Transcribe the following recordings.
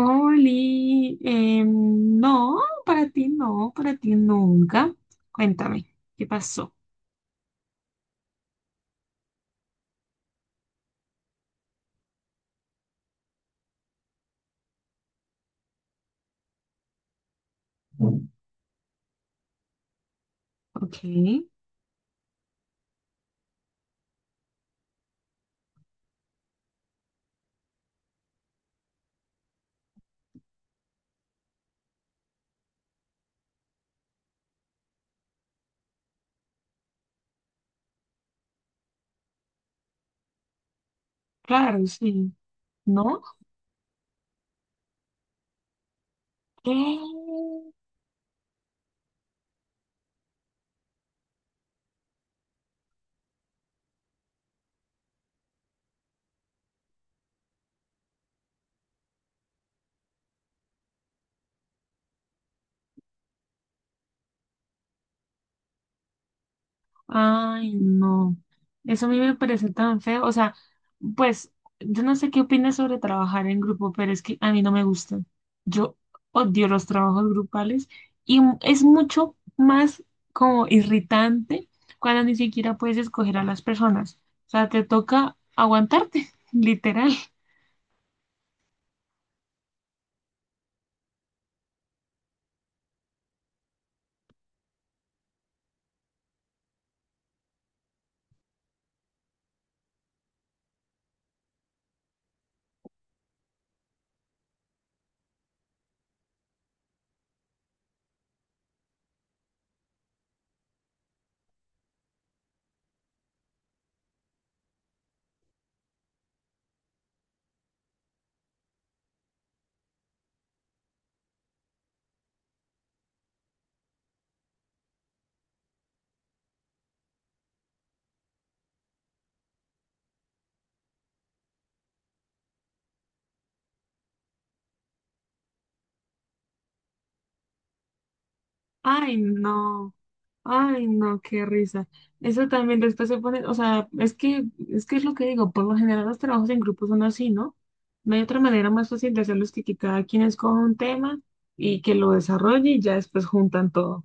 Oli, em, no, para ti no, para ti nunca. Cuéntame, ¿qué pasó? Ok, claro, sí. ¿No? ¿Qué? Ay, no. Eso a mí me parece tan feo. O sea, pues yo no sé qué opinas sobre trabajar en grupo, pero es que a mí no me gusta. Yo odio los trabajos grupales y es mucho más como irritante cuando ni siquiera puedes escoger a las personas. O sea, te toca aguantarte, literal. Ay, no. Ay, no, qué risa. Eso también después se pone, o sea, es que es lo que digo, por lo general los trabajos en grupo son así, ¿no? No hay otra manera más fácil de hacerlos que cada quien escoja un tema y que lo desarrolle y ya después juntan todo.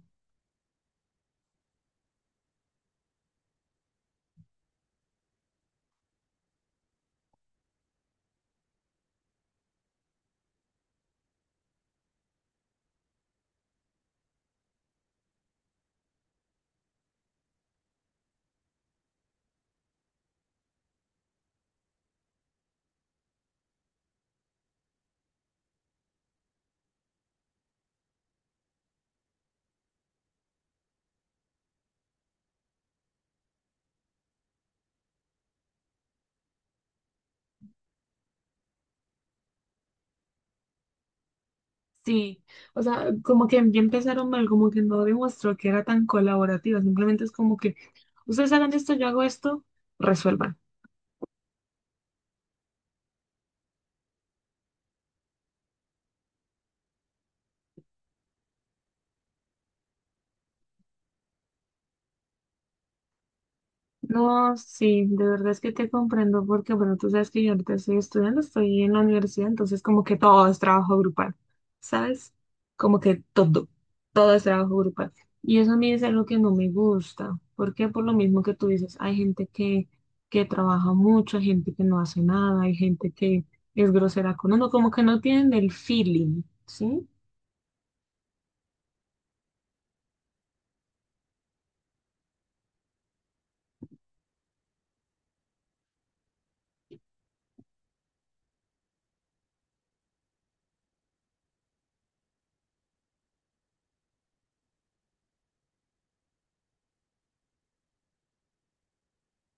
Sí, o sea, como que ya empezaron mal, como que no demostró que era tan colaborativa, simplemente es como que ustedes hagan esto, yo hago esto, resuelvan. No, sí, de verdad es que te comprendo porque, bueno, tú sabes que yo ahorita estoy estudiando, estoy en la universidad, entonces como que todo es trabajo grupal, ¿sabes? Como que todo, todo es trabajo grupal. Y eso a mí es algo que no me gusta, porque por lo mismo que tú dices, hay gente que trabaja mucho, hay gente que no hace nada, hay gente que es grosera con uno, como que no tienen el feeling, ¿sí?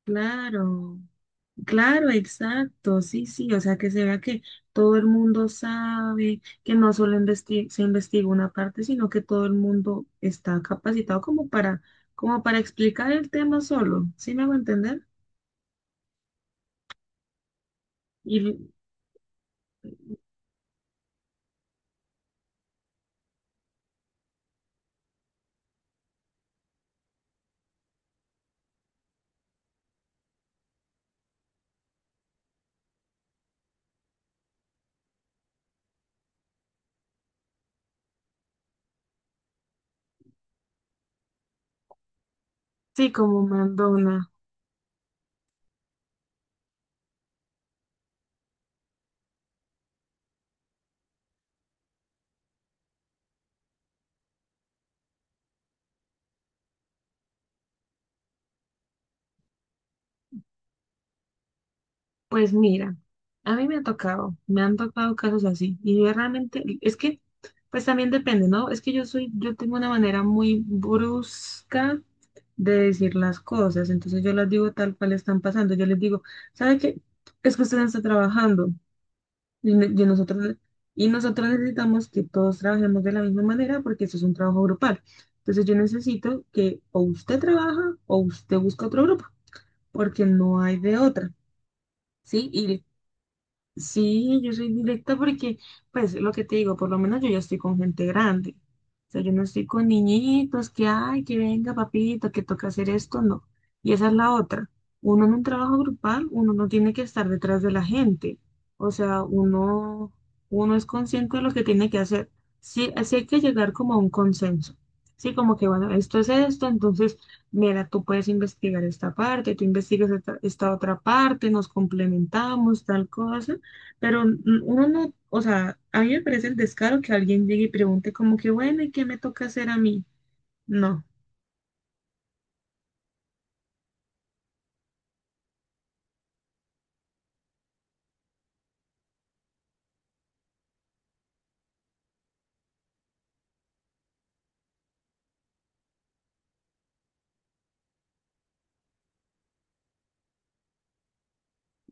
Claro. Claro, exacto, sí, sí, o sea, que se vea que todo el mundo sabe, que no solo se investiga una parte, sino que todo el mundo está capacitado como para, como para explicar el tema solo, ¿sí me hago entender? Y sí, como Madonna, pues mira, a mí me ha tocado, me han tocado casos así, y yo realmente, es que, pues también depende, ¿no? Es que yo soy, yo tengo una manera muy brusca de decir las cosas. Entonces yo las digo tal cual están pasando. Yo les digo, ¿sabe qué? Es que usted no está trabajando y, y nosotros necesitamos que todos trabajemos de la misma manera porque eso es un trabajo grupal. Entonces yo necesito que o usted trabaja o usted busca otro grupo porque no hay de otra. ¿Sí? Sí, yo soy directa porque, pues, lo que te digo, por lo menos yo ya estoy con gente grande. O sea, yo no estoy con niñitos que, ay, que venga, papito, que toca hacer esto, no. Y esa es la otra. Uno en un trabajo grupal, uno no tiene que estar detrás de la gente. O sea, uno, uno es consciente de lo que tiene que hacer. Sí, así hay que llegar como a un consenso. Sí, como que, bueno, esto es esto, entonces, mira, tú puedes investigar esta parte, tú investigas esta otra parte, nos complementamos, tal cosa. Pero uno no, o sea, a mí me parece el descaro que alguien llegue y pregunte como que, bueno, ¿y qué me toca hacer a mí? No,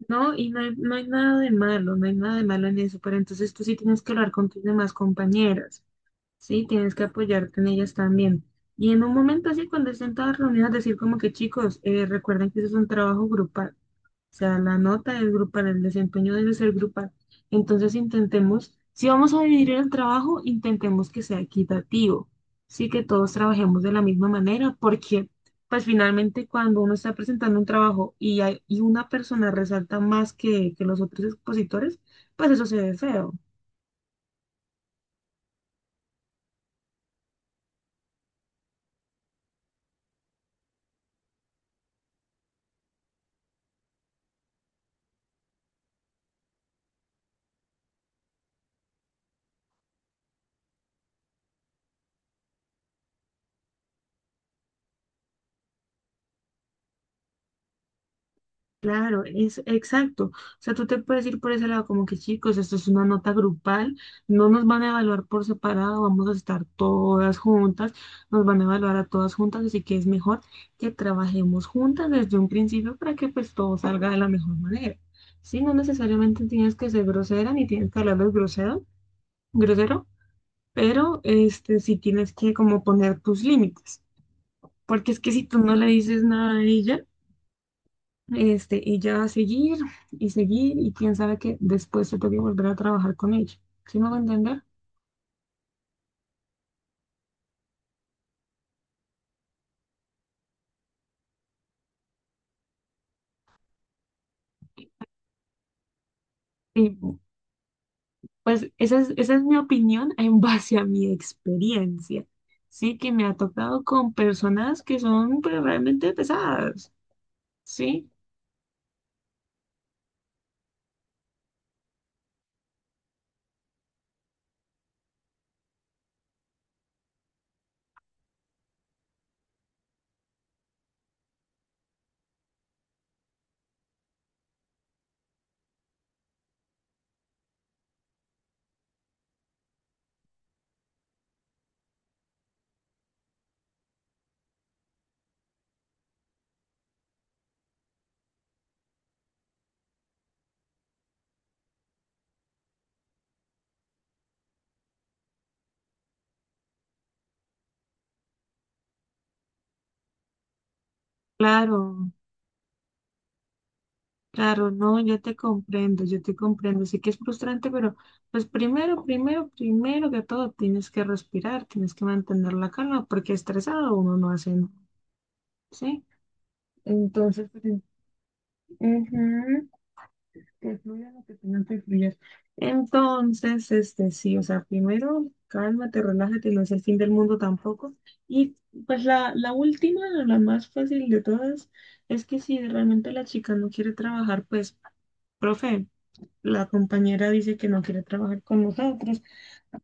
no, y no hay nada de malo, no hay nada de malo en eso, pero entonces tú sí tienes que hablar con tus demás compañeras, sí, tienes que apoyarte en ellas también. Y en un momento así, cuando estén todas reunidas, decir como que, chicos, recuerden que eso es un trabajo grupal. O sea, la nota es grupal, el desempeño debe ser grupal. Entonces intentemos, si vamos a dividir el trabajo, intentemos que sea equitativo, sí que todos trabajemos de la misma manera, porque pues finalmente cuando uno está presentando un trabajo y, y una persona resalta más que los otros expositores, pues eso se ve feo. Claro, es exacto. O sea, tú te puedes ir por ese lado como que, chicos, esto es una nota grupal, no nos van a evaluar por separado, vamos a estar todas juntas, nos van a evaluar a todas juntas, así que es mejor que trabajemos juntas desde un principio para que pues todo salga de la mejor manera. Sí, no necesariamente tienes que ser grosera ni tienes que hablarles grosero, grosero, pero este sí tienes que como poner tus límites, porque es que si tú no le dices nada a ella este, y ya seguir y seguir, y quién sabe que después se toque volver a trabajar con ella. ¿Sí me va a entender? Y pues esa es mi opinión en base a mi experiencia. Sí, que me ha tocado con personas que son pues, realmente pesadas. Sí, claro, claro, no, yo te comprendo, yo te comprendo. Sí que es frustrante, pero pues primero, primero, primero que todo tienes que respirar, tienes que mantener la calma, porque estresado uno no hace nada. Sí. Entonces, pues, ujú, que fluya lo que tenga que fluyas. Entonces, este sí, o sea, primero cálmate, relájate, no es el fin del mundo tampoco. Y pues la última, la más fácil de todas, es que si realmente la chica no quiere trabajar, pues, profe, la compañera dice que no quiere trabajar con nosotros,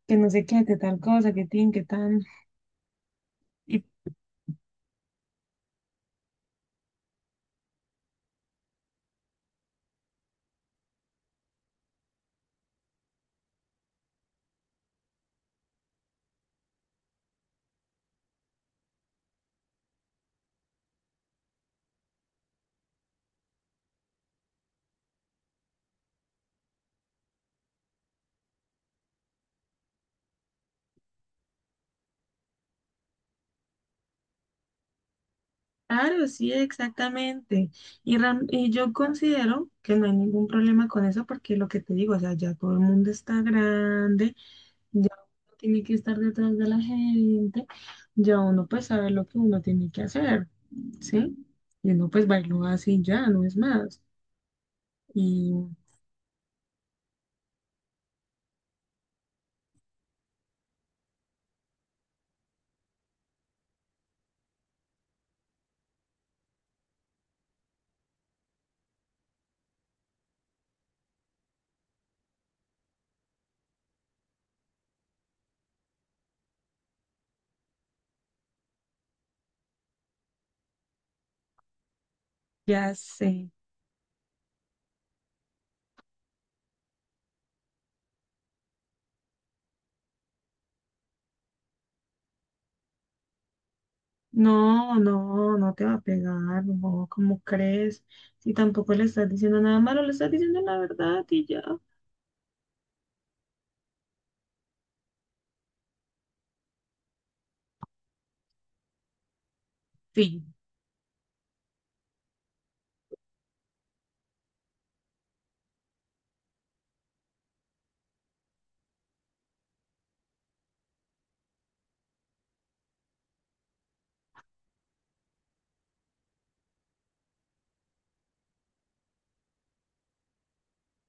que no sé qué, que tal cosa, que tin, que tan. Y Claro, sí, exactamente. Y, y yo considero que no hay ningún problema con eso porque lo que te digo, o sea, ya todo el mundo está grande, ya uno tiene que estar detrás de la gente, ya uno pues sabe lo que uno tiene que hacer, ¿sí? Y uno pues bailó así ya, no es más. Y ya sé, no, no, no te va a pegar, no, ¿cómo crees? Si tampoco le estás diciendo nada malo, le estás diciendo la verdad y ya. Sí,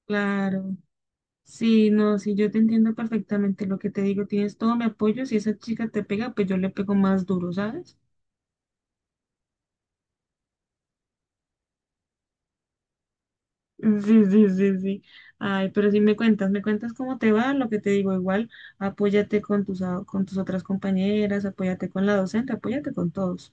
claro. Sí, no, sí, yo te entiendo perfectamente lo que te digo, tienes todo mi apoyo, si esa chica te pega, pues yo le pego más duro, ¿sabes? Sí, sí, sí, sí. Ay, pero sí me cuentas cómo te va, lo que te digo, igual, apóyate con tus, con tus otras compañeras, apóyate con la docente, apóyate con todos.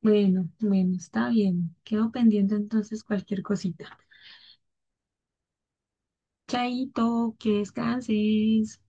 Bueno, bueno, está bien. Quedo pendiente entonces cualquier cosita. Chaito, que descanses.